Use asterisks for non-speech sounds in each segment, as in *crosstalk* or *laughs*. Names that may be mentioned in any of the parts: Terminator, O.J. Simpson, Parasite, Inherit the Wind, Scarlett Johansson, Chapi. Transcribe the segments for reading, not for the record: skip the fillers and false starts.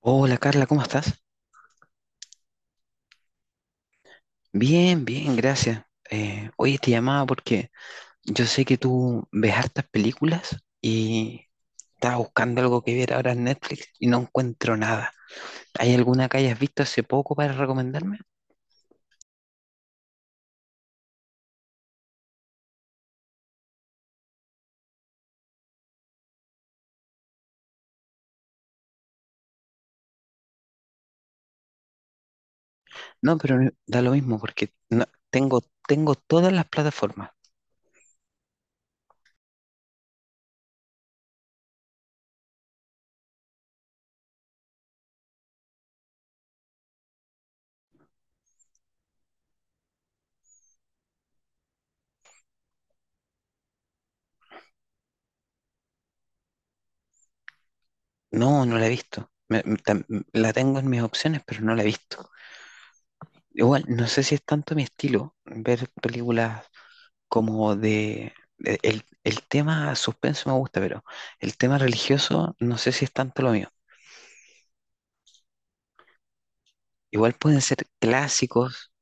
Hola Carla, ¿cómo estás? Bien, bien, gracias. Oye, te llamaba porque yo sé que tú ves hartas películas y estaba buscando algo que ver ahora en Netflix y no encuentro nada. ¿Hay alguna que hayas visto hace poco para recomendarme? No, pero da lo mismo porque tengo todas las plataformas. No, no la he visto. La tengo en mis opciones, pero no la he visto. Igual, no sé si es tanto mi estilo ver películas como el tema suspenso me gusta, pero el tema religioso no sé si es tanto lo mío. Igual pueden ser clásicos,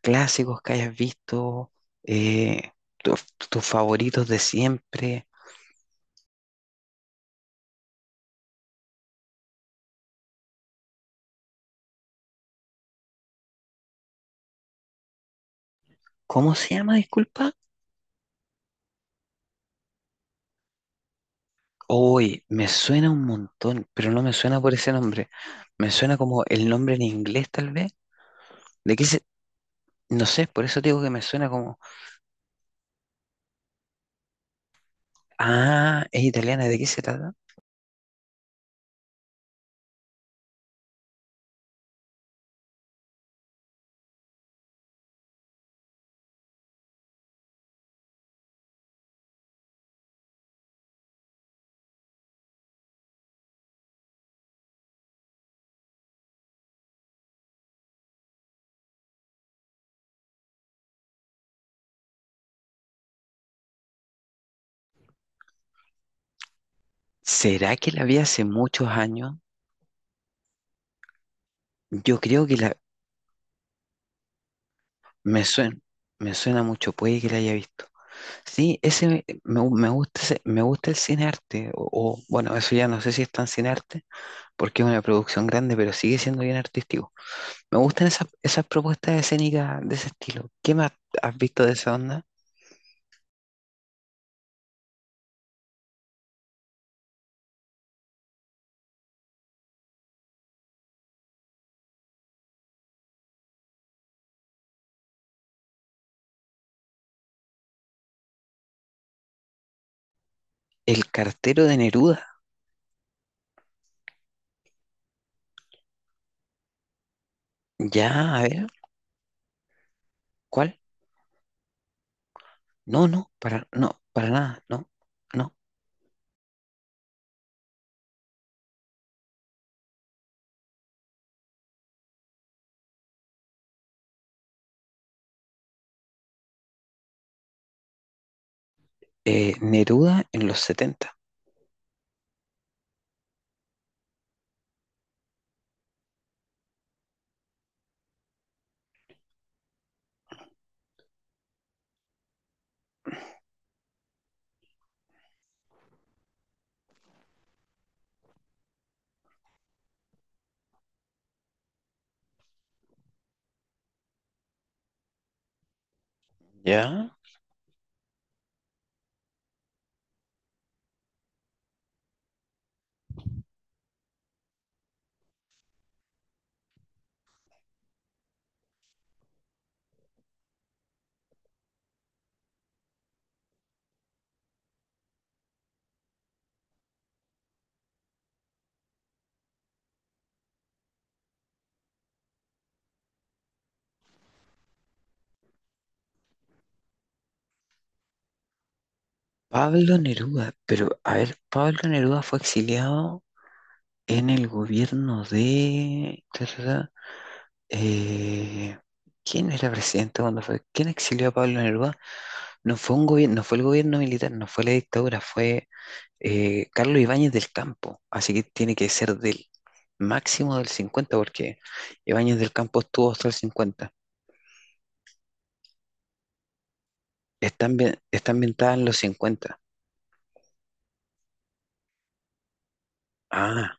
clásicos que hayas visto, eh, tus tus favoritos de siempre. ¿Cómo se llama, disculpa? Hoy me suena un montón, pero no me suena por ese nombre. Me suena como el nombre en inglés, tal vez. ¿De qué se...? No sé, por eso digo que me suena como... Ah, es italiana, ¿de qué se trata? ¿Será que la vi hace muchos años? Yo creo que la me suena, me suena mucho, puede que la haya visto. Sí, ese me, me gu- me gusta ese- me gusta el cine arte, o, bueno, eso ya no sé si es tan cine arte, porque es una producción grande, pero sigue siendo bien artístico. Me gustan esas propuestas escénicas de ese estilo. ¿Qué más has visto de esa onda? El cartero de Neruda. Ya, a ver, ¿cuál? No, no, para, no, para nada, no, no. Neruda en los 70. Ya. Pablo Neruda, pero a ver, Pablo Neruda fue exiliado en el gobierno de... eh, ¿quién era presidente cuando fue? ¿Quién exilió a Pablo Neruda? No fue un gobierno, no fue el gobierno militar, no fue la dictadura, fue Carlos Ibáñez del Campo, así que tiene que ser del máximo del 50, porque Ibáñez del Campo estuvo hasta el cincuenta. Está ambientada en los 50. Ah,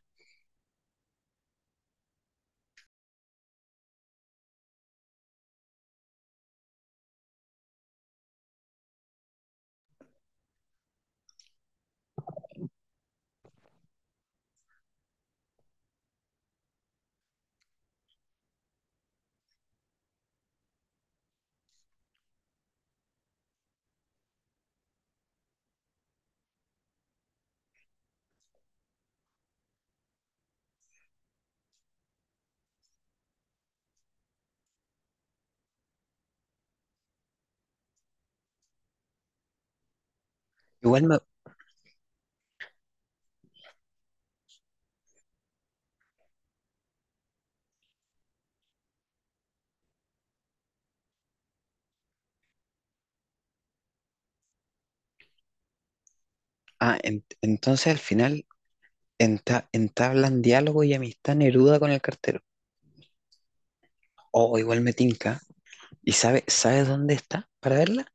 igual me... Ah, entonces al final entablan diálogo y amistad Neruda con el cartero. Oh, igual me tinca. ¿Y sabes dónde está para verla?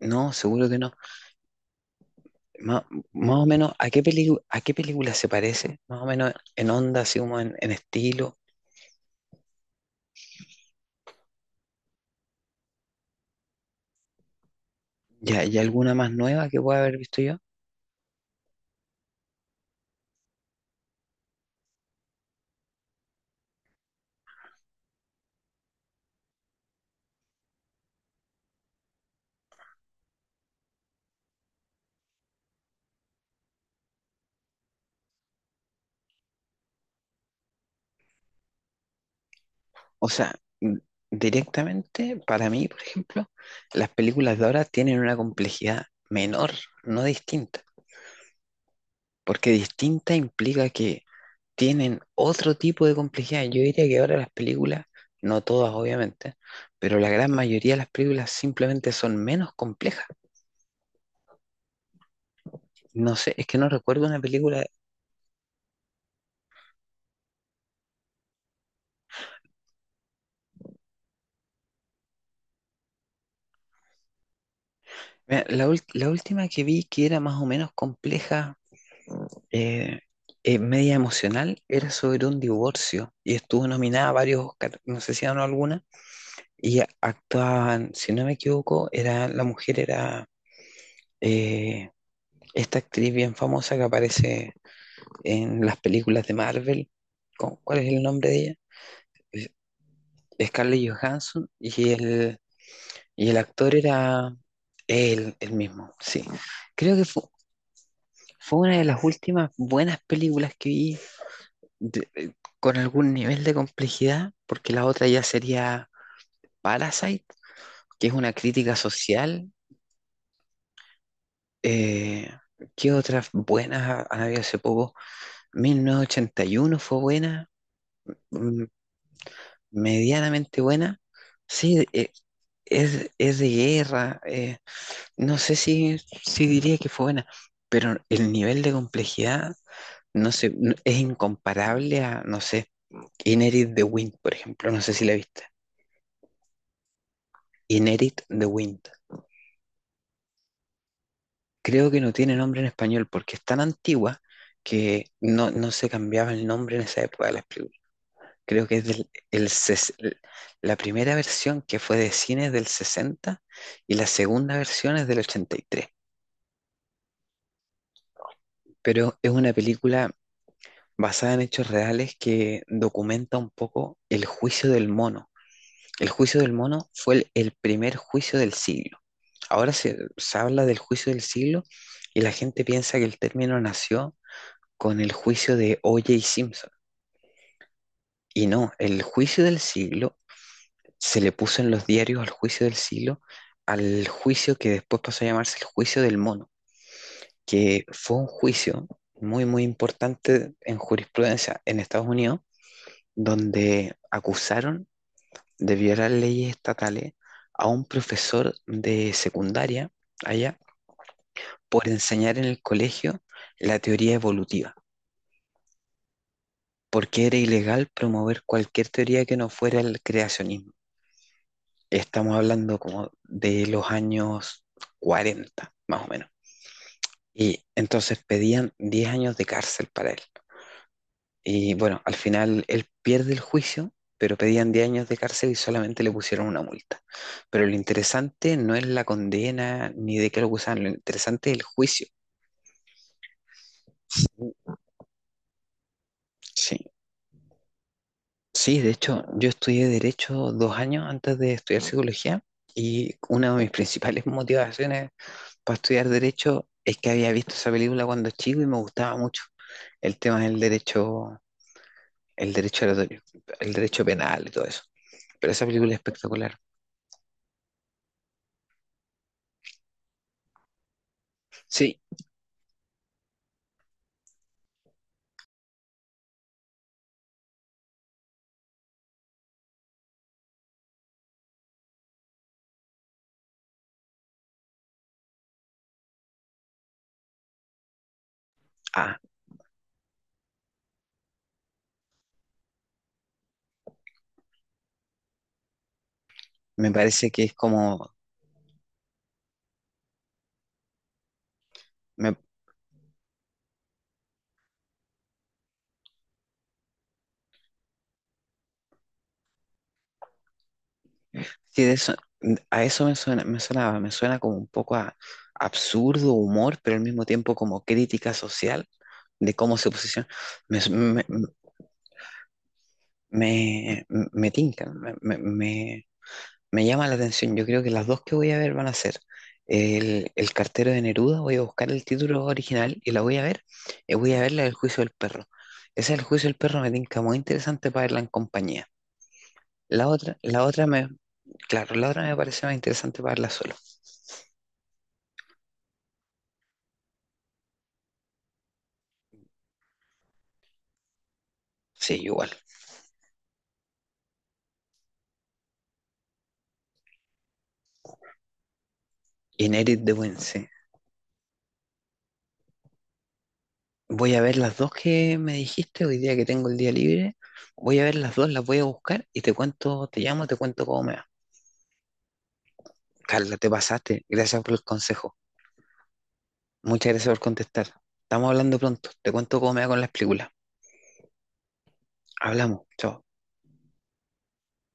No, seguro que no. Ma- Más o menos, ¿a qué película se parece? Más o menos en onda, así como en estilo. ¿Y, hay alguna más nueva que pueda haber visto yo? O sea, mm, directamente, para mí, por ejemplo, las películas de ahora tienen una complejidad menor, no distinta. Porque distinta implica que tienen otro tipo de complejidad. Yo diría que ahora las películas, no todas obviamente, pero la gran mayoría de las películas simplemente son menos complejas. No sé, es que no recuerdo una película. Mira, la última que vi que era más o menos compleja, eh, media emocional, era sobre un divorcio y estuvo nominada a varios Oscar, no sé si ganó alguna, y actuaban, si no me equivoco, la mujer era eh, esta actriz bien famosa que aparece en las películas de Marvel. ¿Cuál es el nombre de ella? Es- Scarlett Johansson y y el actor era él, el mismo, sí. Creo que fue, una de las últimas buenas películas que vi de- eh, con algún nivel de complejidad, porque la otra ya sería Parasite, que es una crítica social. Eh, ¿qué otras buenas han habido hace poco? 1981 fue buena. mm, medianamente buena. Sí, es de guerra. No sé si diría que fue buena, pero el nivel de complejidad no sé, es incomparable a, no sé, Inherit the Wind, por ejemplo. No sé si la viste. Inherit the Wind. Creo que no tiene nombre en español porque es tan antigua que no se cambiaba el nombre en esa época de las películas. Creo que es del, el, ses- la primera versión que fue de cine es del 60 y la segunda versión es del 83. Pero es una película basada en hechos reales que documenta un poco el juicio del mono. El juicio del mono fue el primer juicio del siglo. Ahora se habla del juicio del siglo y la gente piensa que el término nació con el juicio de O.J. Simpson. Y no, el juicio del siglo se le puso en los diarios al juicio del siglo, al juicio que después pasó a llamarse el juicio del mono, que fue un juicio muy, muy importante en jurisprudencia en Estados Unidos, donde acusaron de violar leyes estatales a un profesor de secundaria allá por enseñar en el colegio la teoría evolutiva, porque era ilegal promover cualquier teoría que no fuera el creacionismo. Estamos hablando como de los años 40 más o menos. Y entonces pedían 10 años de cárcel para él. Y bueno, al final él pierde el juicio, pero pedían 10 años de cárcel y solamente le pusieron una multa. Pero lo interesante no es la condena ni de qué lo acusaban, lo interesante es el juicio. Sí, sí, de hecho, yo estudié derecho 2 años antes de estudiar psicología y una de mis principales *laughs* motivaciones para estudiar derecho es que había visto esa película cuando chico y me gustaba mucho el tema del derecho, el derecho oratorio, el derecho penal y todo eso. Pero esa película es espectacular. Sí, ah, me parece que es como, me, sí, a eso me suena, me suena como un poco a absurdo humor, pero al mismo tiempo como crítica social de cómo se posiciona. Me, me, me, me- me tinca. Me llama la atención, yo creo que las dos que voy a ver van a ser el cartero de Neruda, voy a buscar el título original y la voy a ver, y voy a ver la del juicio del perro. Esa del juicio del perro me tinca muy interesante para verla en compañía. La otra me, claro, la otra me parece más interesante para verla solo. Sí, igual. Y Inherit de Wednesday. Voy a ver las dos que me dijiste hoy día que tengo el día libre. Voy a ver las dos, las voy a buscar y te cuento, te llamo, te cuento cómo me va. Carla, te pasaste. Gracias por el consejo. Muchas gracias por contestar. Estamos hablando pronto. Te cuento cómo me va con las películas. Hablamos. Chao.